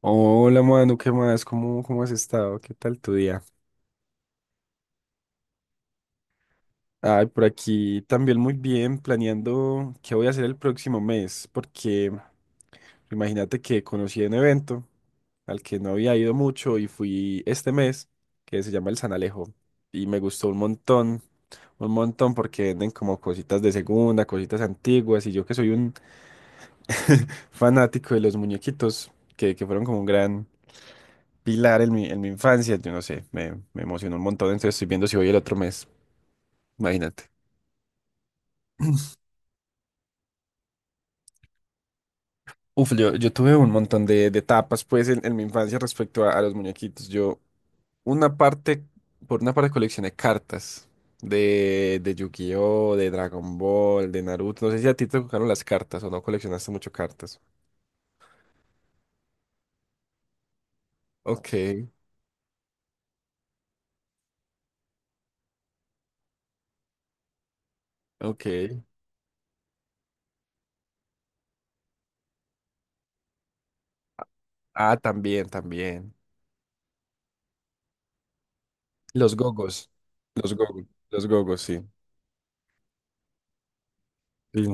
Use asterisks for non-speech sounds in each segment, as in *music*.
Hola, Manu, ¿qué más? ¿¿Cómo has estado? ¿Qué tal tu día? Ay, por aquí también muy bien, planeando qué voy a hacer el próximo mes, porque imagínate que conocí un evento al que no había ido mucho y fui este mes, que se llama el San Alejo, y me gustó un montón porque venden como cositas de segunda, cositas antiguas, y yo que soy un *laughs* fanático de los muñequitos, que fueron como un gran, Pilar en mi infancia, yo no sé, me emocionó un montón, entonces estoy viendo si voy el otro mes, imagínate. Uf, yo tuve un montón de etapas pues en mi infancia respecto a los muñequitos. Yo, una parte, por una parte coleccioné cartas de Yu-Gi-Oh, de Dragon Ball, de Naruto. No sé si a ti te tocaron las cartas o no coleccionaste mucho cartas. Ok, ok. Ah, también, también. Los gogos. Los gogos, los gogos, sí. Sí.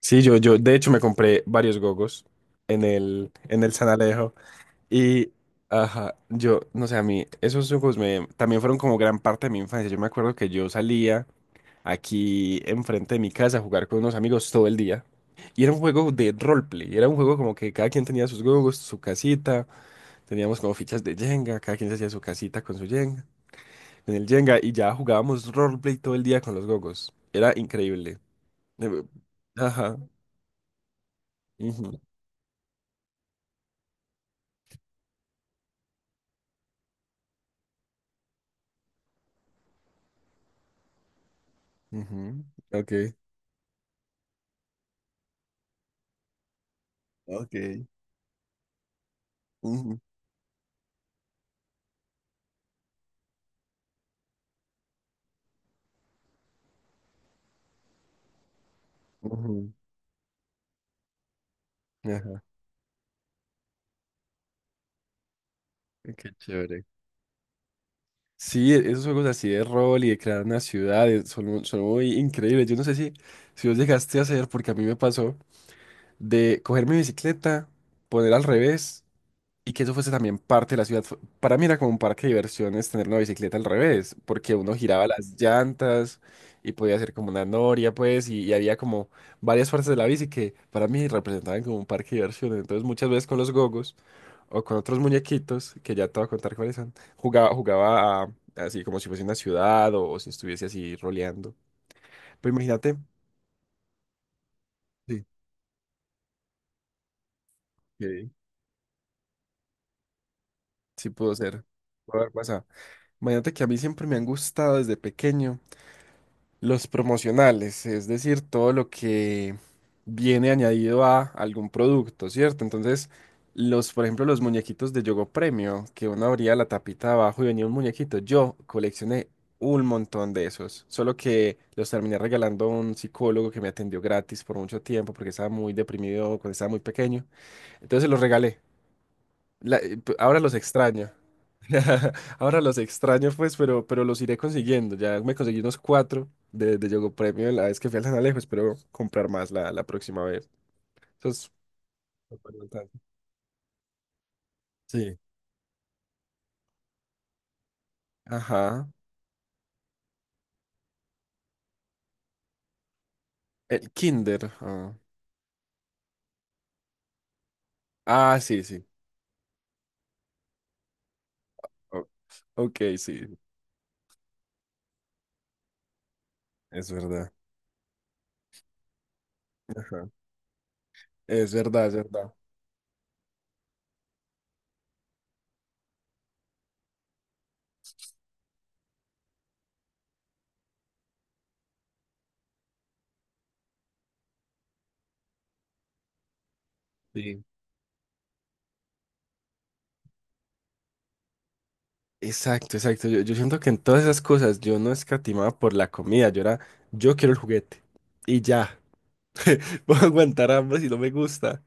Sí, yo, de hecho me compré varios gogos en el San Alejo y, ajá, yo, no sé, a mí esos gogos me, también fueron como gran parte de mi infancia. Yo me acuerdo que yo salía aquí enfrente de mi casa a jugar con unos amigos todo el día y era un juego de roleplay, era un juego como que cada quien tenía sus gogos, su casita, teníamos como fichas de Jenga, cada quien se hacía su casita con su Jenga, en el Jenga y ya jugábamos roleplay todo el día con los gogos. Era increíble. Eh, Ajá. Ujú. Ujú. Ok. Ok. Ujú. Ujú. Ajá, ok, qué chévere. Sí, esos juegos así de rol y de crear una ciudad, son, son muy increíbles. Yo no sé si, si vos llegaste a hacer, porque a mí me pasó, de coger mi bicicleta, poner al revés. Y que eso fuese también parte de la ciudad. Para mí era como un parque de diversiones tener una bicicleta al revés, porque uno giraba las llantas y podía hacer como una noria, pues, y había como varias partes de la bici que para mí representaban como un parque de diversiones. Entonces muchas veces con los gogos o con otros muñequitos, que ya te voy a contar cuáles son, jugaba, jugaba así como si fuese una ciudad o si estuviese así roleando. Pero imagínate, sí, que sí pudo ser. Pudo haber pasado. Imagínate que a mí siempre me han gustado desde pequeño. Los promocionales, es decir, todo lo que viene añadido a algún producto, ¿cierto? Entonces, los, por ejemplo, los muñequitos de Yogo Premio, que uno abría la tapita de abajo y venía un muñequito. Yo coleccioné un montón de esos, solo que los terminé regalando a un psicólogo que me atendió gratis por mucho tiempo porque estaba muy deprimido cuando estaba muy pequeño. Entonces se los regalé. Ahora los extraño. *laughs* Ahora los extraño, pues, pero los iré consiguiendo. Ya me conseguí unos cuatro de Yogo Premio la vez que fui al San Alejo. Espero comprar más la próxima vez. Esos- Sí. Ajá. El Kinder. Ah, ah, sí, sí. O- ok, sí. Es verdad. Ajá. Es verdad, es verdad. Sí. Exacto, exacto. Yo siento que en todas esas cosas yo no escatimaba por la comida. Yo era, yo quiero el juguete. Y ya. *laughs* Voy a aguantar hambre si no me gusta.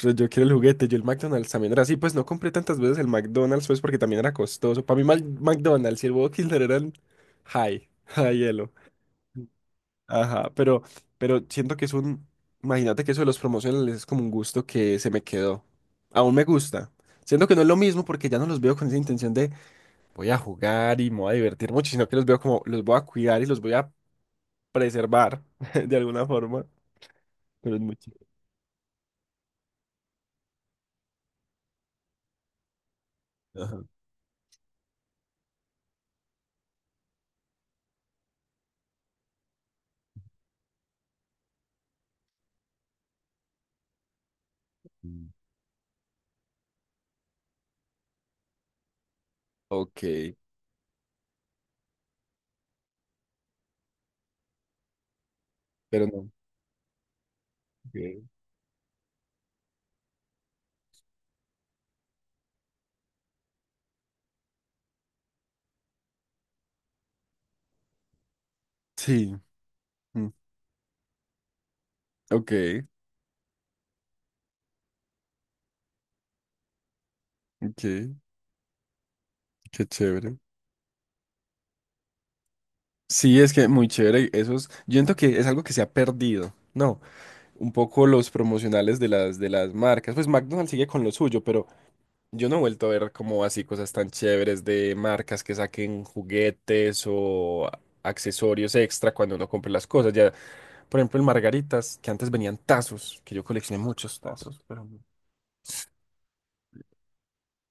Pero yo quiero el juguete. Yo el McDonald's también era así. Pues no compré tantas veces el McDonald's, pues porque también era costoso. Para mí, McDonald's y el Burger King eran high, *laughs* high hielo. Ajá, pero siento que es un. Imagínate que eso de los promocionales es como un gusto que se me quedó. Aún me gusta. Siento que no es lo mismo porque ya no los veo con esa intención de voy a jugar y me voy a divertir mucho, sino que los veo como los voy a cuidar y los voy a preservar *laughs* de alguna forma. Pero es muy chido. Ajá. Ok. Pero no. Ok. Sí, mm, ok, ok, qué chévere. Sí, es que muy chévere. Esos, yo siento que es algo que se ha perdido, ¿no? Un poco los promocionales de las marcas. Pues McDonald's sigue con lo suyo, pero yo no he vuelto a ver como así cosas tan chéveres de marcas que saquen juguetes o accesorios extra cuando uno compre las cosas. Ya, por ejemplo, en Margaritas, que antes venían tazos, que yo coleccioné muchos tazos, pero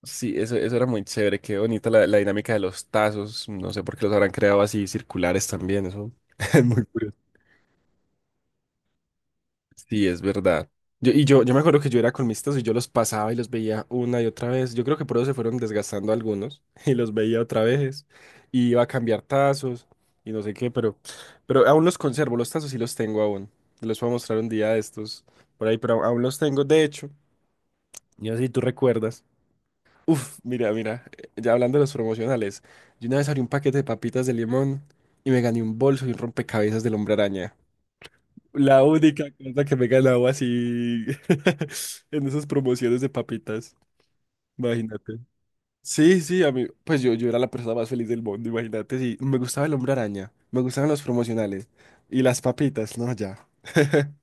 sí, eso era muy chévere, qué bonita la dinámica de los tazos, no sé por qué los habrán creado así circulares también, eso *laughs* es muy curioso. Sí, es verdad. Yo me acuerdo que yo era con mis tazos y yo los pasaba y los veía una y otra vez. Yo creo que por eso se fueron desgastando algunos *laughs* y los veía otra vez. Y iba a cambiar tazos y no sé qué, pero aún los conservo, los tazos sí los tengo aún. Los voy a mostrar un día de estos por ahí, pero aún los tengo, de hecho. Y así tú recuerdas. Uf, mira, mira, ya hablando de los promocionales, yo una vez abrí un paquete de papitas de limón y me gané un bolso y un rompecabezas del Hombre Araña. La única cosa que me he ganado así *laughs* en esas promociones de papitas, imagínate. Sí, sí, a mí, pues yo era la persona más feliz del mundo, imagínate, sí, me gustaba el Hombre Araña, me gustaban los promocionales y las papitas, no, ya. *laughs*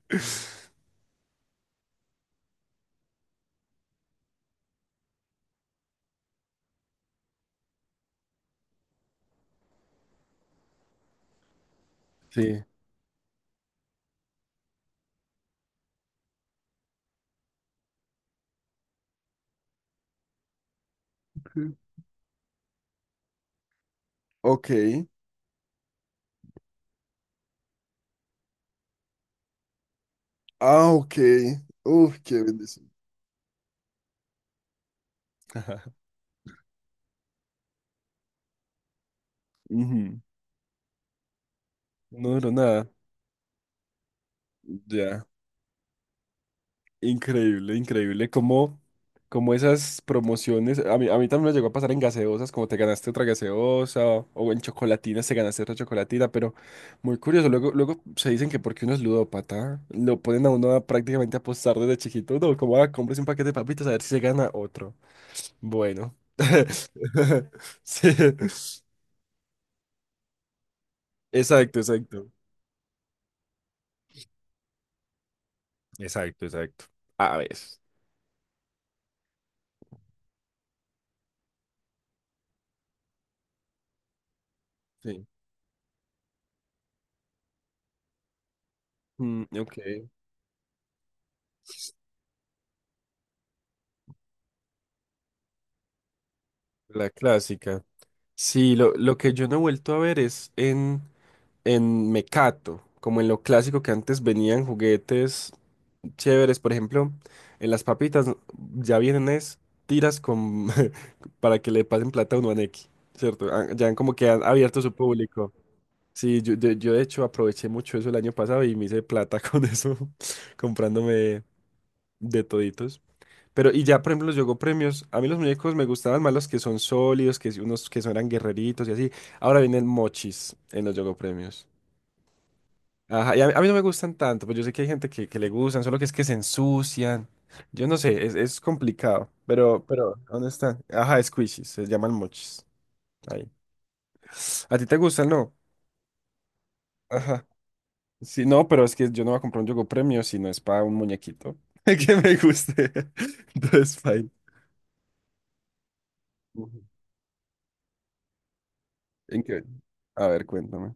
Sí. Ok. Ah, ok. Uf, qué bendición. *laughs* Ajá. Ujú. No duró nada, ya. Increíble, increíble. Como, como esas promociones, a mí también me llegó a pasar en gaseosas, como te ganaste otra gaseosa, o en chocolatinas te ganaste otra chocolatina, pero muy curioso. Luego, luego se dicen que porque uno es ludópata, lo ponen a uno a prácticamente apostar desde chiquito. No, como a compres un paquete de papitas a ver si se gana otro. Bueno. *laughs* Sí. Exacto, exacto. Exacto, exacto. A ver. Sí. Mm, ok. La clásica. Sí, lo que yo no he vuelto a ver es en Mecato, como en lo clásico que antes venían juguetes chéveres, por ejemplo, en las papitas ya vienen es tiras con *laughs* para que le pasen plata a uno a Nequi, ¿cierto? Ah, ya han como que han abierto su público. Sí, yo, yo de hecho aproveché mucho eso el año pasado y me hice plata con eso, *laughs* comprándome de toditos. Pero, y ya, por ejemplo, los Yogo Premios, a mí los muñecos me gustaban más los que son sólidos, que si- unos que son eran guerreritos y así. Ahora vienen mochis en los Yogo Premios. Ajá, y a mí no me gustan tanto, pues yo sé que hay gente que le gustan, solo que es que se ensucian. Yo no sé, es complicado. Pero, ¿dónde están? Ajá, squishies, se llaman mochis. Ahí. ¿A ti te gustan, no? Ajá. Sí, no, pero es que yo no voy a comprar un Yogo Premio si no es para un muñequito *laughs* que me guste. *laughs* Entonces, fine. Ujú. ¿En qué? A ver, cuéntame.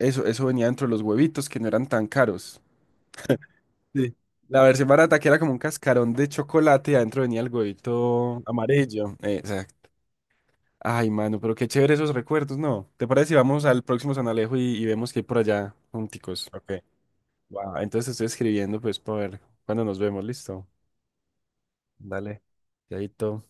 Eso venía dentro de los huevitos que no eran tan caros. Sí. La versión barata que era como un cascarón de chocolate y adentro venía el huevito amarillo. Exacto. Ay, mano, pero qué chévere esos recuerdos, ¿no? ¿Te parece si vamos al próximo San Alejo y vemos que hay por allá junticos? Ok. Va, entonces te estoy escribiendo pues para ver cuándo nos vemos, listo. Dale. Chaito.